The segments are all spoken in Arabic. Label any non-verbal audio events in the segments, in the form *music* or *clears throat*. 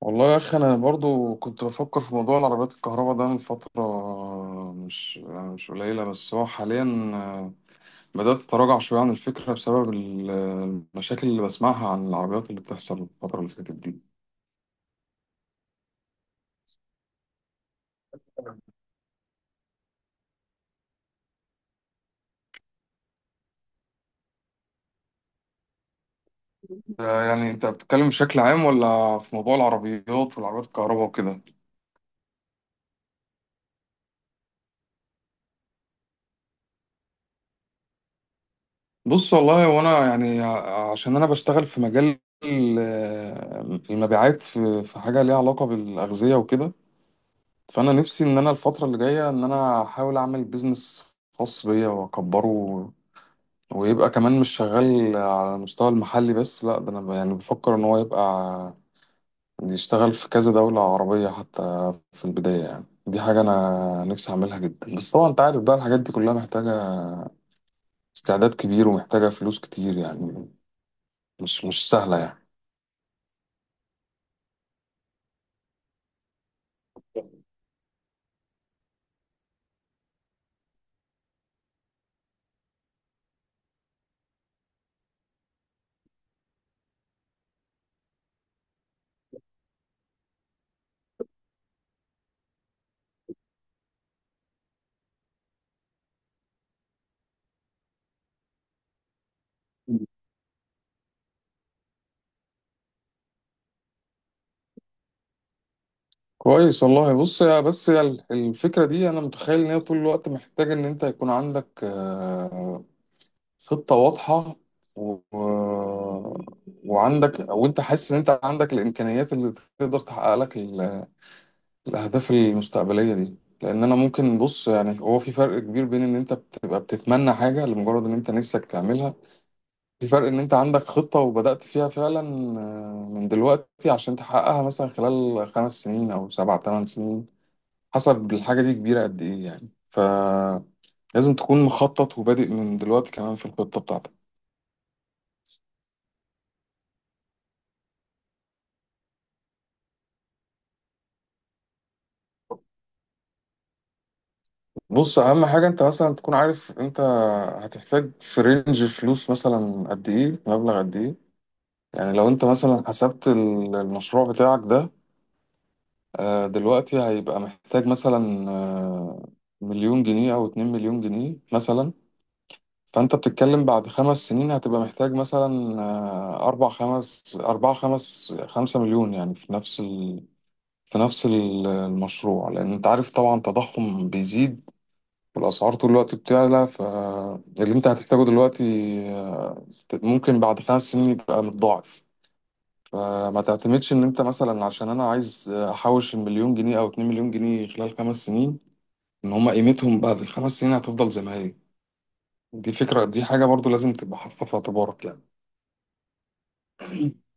والله يا اخي، انا برضو كنت بفكر في موضوع العربيات الكهرباء ده من فتره مش يعني مش قليله. بس هو حاليا بدات اتراجع شويه عن الفكره بسبب المشاكل اللي بسمعها عن العربيات اللي بتحصل الفتره اللي فاتت دي. يعني انت بتتكلم بشكل عام ولا في موضوع العربيات والعربيات الكهرباء وكده؟ بص والله، وانا يعني عشان انا بشتغل في مجال المبيعات، في حاجه ليها علاقه بالاغذيه وكده. فانا نفسي ان انا الفتره اللي جايه ان انا احاول اعمل بيزنس خاص بيا واكبره، ويبقى كمان مش شغال على المستوى المحلي بس، لا ده انا يعني بفكر ان هو يبقى يشتغل في كذا دوله عربيه حتى في البدايه. يعني دي حاجه انا نفسي اعملها جدا، بس طبعا انت عارف بقى الحاجات دي كلها محتاجه استعداد كبير ومحتاجه فلوس كتير يعني. مش سهله يعني. كويس والله. بص يا، بس يا الفكرة دي أنا متخيل إن هي طول الوقت محتاج إن أنت يكون عندك خطة واضحة و... وعندك، وانت حاسس ان انت عندك الامكانيات اللي تقدر تحقق لك الاهداف المستقبلية دي. لان انا ممكن، بص يعني، هو في فرق كبير بين ان انت بتبقى بتتمنى حاجة لمجرد ان انت نفسك تعملها، في فرق ان انت عندك خطة وبدأت فيها فعلا من دلوقتي عشان تحققها مثلا خلال 5 سنين او 7 8 سنين، حسب الحاجة دي كبيرة قد ايه يعني. فلازم تكون مخطط وبادئ من دلوقتي كمان في الخطة بتاعتك. بص، اهم حاجه انت مثلا تكون عارف انت هتحتاج في رينج فلوس مثلا قد ايه، مبلغ قد ايه. يعني لو انت مثلا حسبت المشروع بتاعك ده دلوقتي هيبقى محتاج مثلا مليون جنيه او 2 مليون جنيه مثلا، فانت بتتكلم بعد 5 سنين هتبقى محتاج مثلا اربع خمس اربعة خمس خمسة مليون يعني في نفس المشروع. لان انت عارف طبعا تضخم بيزيد والأسعار طول الوقت بتعلى، فاللي أنت هتحتاجه دلوقتي آه، ممكن بعد 5 سنين يبقى متضاعف. فما تعتمدش إن أنت مثلا عشان أنا عايز أحوش المليون جنيه أو 2 مليون جنيه خلال 5 سنين إن هما قيمتهم بعد ال5 سنين هتفضل زي ما هي. دي حاجة برضو لازم تبقى حاططها في اعتبارك يعني. *clears throat*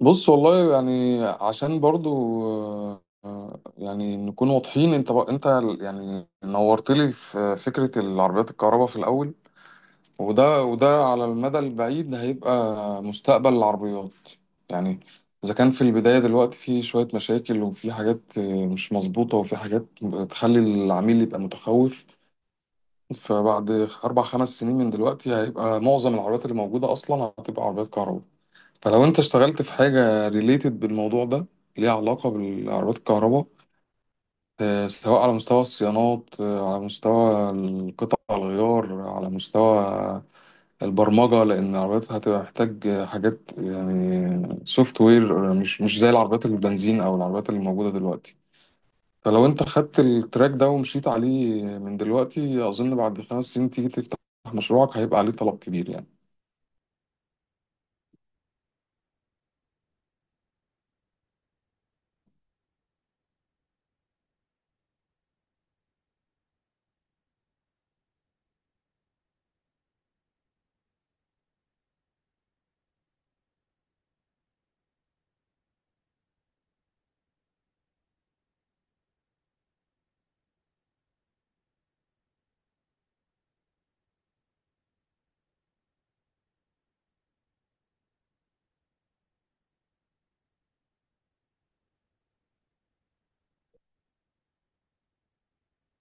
بص والله، يعني عشان برضو يعني نكون واضحين. انت انت يعني نورت لي في فكرة العربيات الكهرباء في الأول، وده على المدى البعيد هيبقى مستقبل العربيات يعني. إذا كان في البداية دلوقتي في شوية مشاكل وفي حاجات مش مظبوطة وفي حاجات تخلي العميل يبقى متخوف، فبعد 4 5 سنين من دلوقتي هيبقى معظم العربيات اللي موجودة أصلا هتبقى عربيات كهرباء. فلو أنت اشتغلت في حاجة ريليتد بالموضوع ده، ليها علاقة بالعربيات الكهرباء، سواء على مستوى الصيانات، على مستوى القطع الغيار، على مستوى البرمجة، لأن العربيات هتبقى محتاج حاجات يعني سوفت وير مش زي العربيات البنزين أو العربيات اللي موجودة دلوقتي. فلو أنت خدت التراك ده ومشيت عليه من دلوقتي، أظن بعد 5 سنين تيجي تفتح مشروعك هيبقى عليه طلب كبير يعني.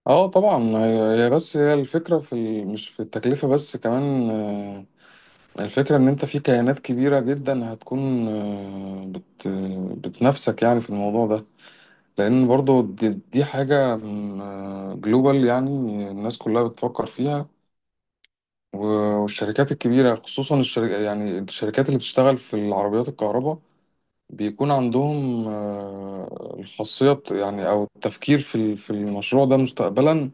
اه طبعا. هي هي بس هي الفكرة مش في التكلفة بس، كمان الفكرة ان انت في كيانات كبيرة جدا هتكون بتنافسك يعني في الموضوع ده. لأن برضو دي حاجة جلوبال يعني، الناس كلها بتفكر فيها والشركات الكبيرة خصوصا الشركة يعني الشركات اللي بتشتغل في العربيات الكهرباء بيكون عندهم الخاصية يعني أو التفكير في المشروع ده مستقبلا،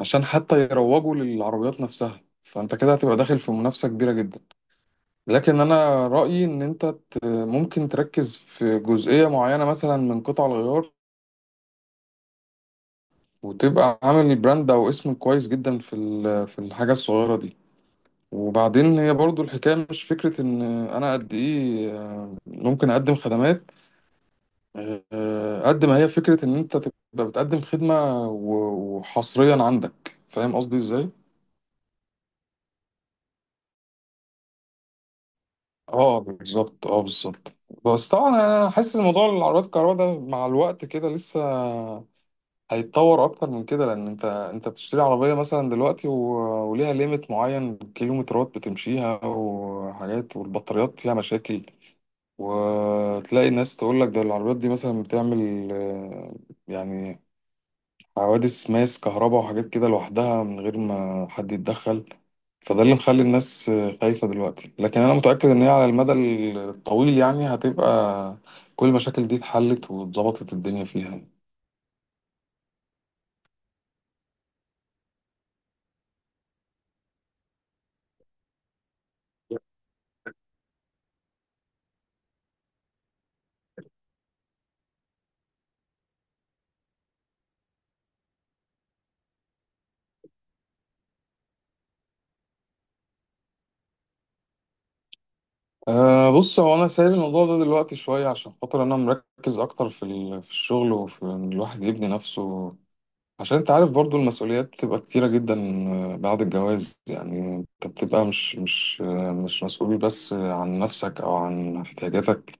عشان حتى يروجوا للعربيات نفسها. فأنت كده هتبقى داخل في منافسة كبيرة جدا. لكن أنا رأيي إن أنت ممكن تركز في جزئية معينة مثلا من قطع الغيار، وتبقى عامل براند او اسم كويس جدا في في الحاجه الصغيره دي. وبعدين هي برضو الحكايه مش فكره ان انا قد ايه ممكن اقدم خدمات، قد ما هي فكره ان انت تبقى بتقدم خدمه وحصريا عندك، فاهم قصدي ازاي؟ اه بالظبط، اه بالظبط. بس طبعا انا حاسس إن موضوع العربيات الكهرباء ده مع الوقت كده لسه هيتطور اكتر من كده، لان انت بتشتري عربيه مثلا دلوقتي وليها ليميت معين كيلومترات بتمشيها وحاجات، والبطاريات فيها مشاكل، وتلاقي الناس تقول لك ده العربيات دي مثلا بتعمل يعني حوادث ماس كهرباء وحاجات كده لوحدها من غير ما حد يتدخل. فده اللي مخلي الناس خايفة دلوقتي، لكن انا متأكد ان هي على المدى الطويل يعني هتبقى كل المشاكل دي اتحلت واتظبطت الدنيا فيها. أه، بص، هو أنا سايب الموضوع ده دلوقتي شوية عشان خاطر أنا مركز أكتر في في الشغل وفي إن الواحد يبني نفسه، عشان أنت عارف برضو المسؤوليات بتبقى كتيرة جدا بعد الجواز. يعني أنت بتبقى مش مسؤول بس عن نفسك أو عن احتياجاتك،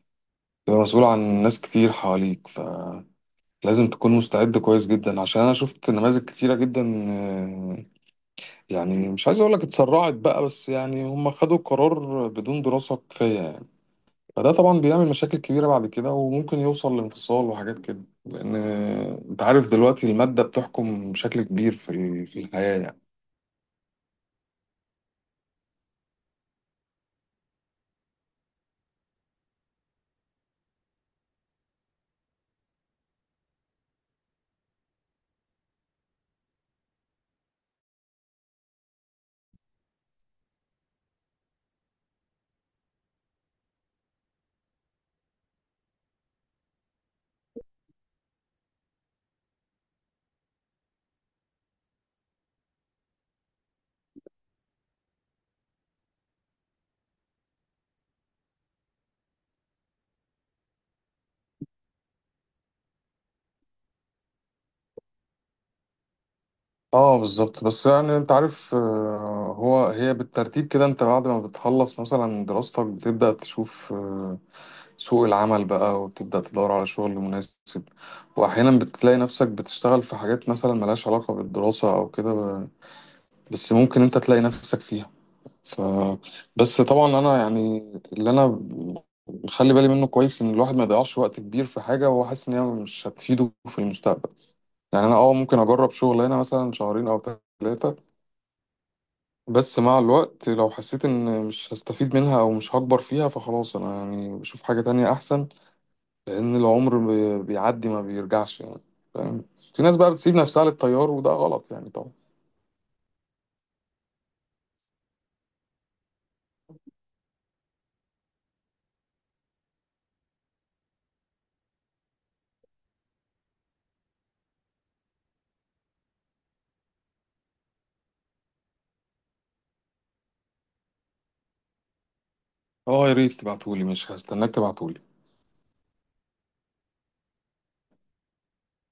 بتبقى مسؤول عن ناس كتير حواليك. فلازم تكون مستعد كويس جدا، عشان أنا شفت نماذج كتيرة جدا آه، يعني مش عايز أقولك اتسرعت بقى، بس يعني هم خدوا قرار بدون دراسة كفاية. فده طبعا بيعمل مشاكل كبيرة بعد كده وممكن يوصل لانفصال وحاجات كده، لأن أنت عارف دلوقتي المادة بتحكم بشكل كبير في في الحياة يعني. اه بالظبط. بس يعني انت عارف هي بالترتيب كده. انت بعد ما بتخلص مثلا دراستك بتبدأ تشوف سوق العمل بقى وتبدأ تدور على شغل مناسب، واحيانا بتلاقي نفسك بتشتغل في حاجات مثلا ملهاش علاقة بالدراسة او كده بس ممكن انت تلاقي نفسك فيها. ف بس طبعا انا يعني، اللي انا مخلي بالي منه كويس ان الواحد ما يضيعش وقت كبير في حاجه وهو حاسس ان هي مش هتفيده في المستقبل. يعني انا ممكن اجرب شغلانه مثلا شهرين او 3، بس مع الوقت لو حسيت ان مش هستفيد منها او مش هكبر فيها فخلاص انا يعني بشوف حاجه تانية احسن، لان العمر بيعدي ما بيرجعش يعني. فاهم؟ في ناس بقى بتسيب نفسها للتيار وده غلط يعني طبعا. اه يا ريت تبعتولي، مش هستناك. تبعتولي.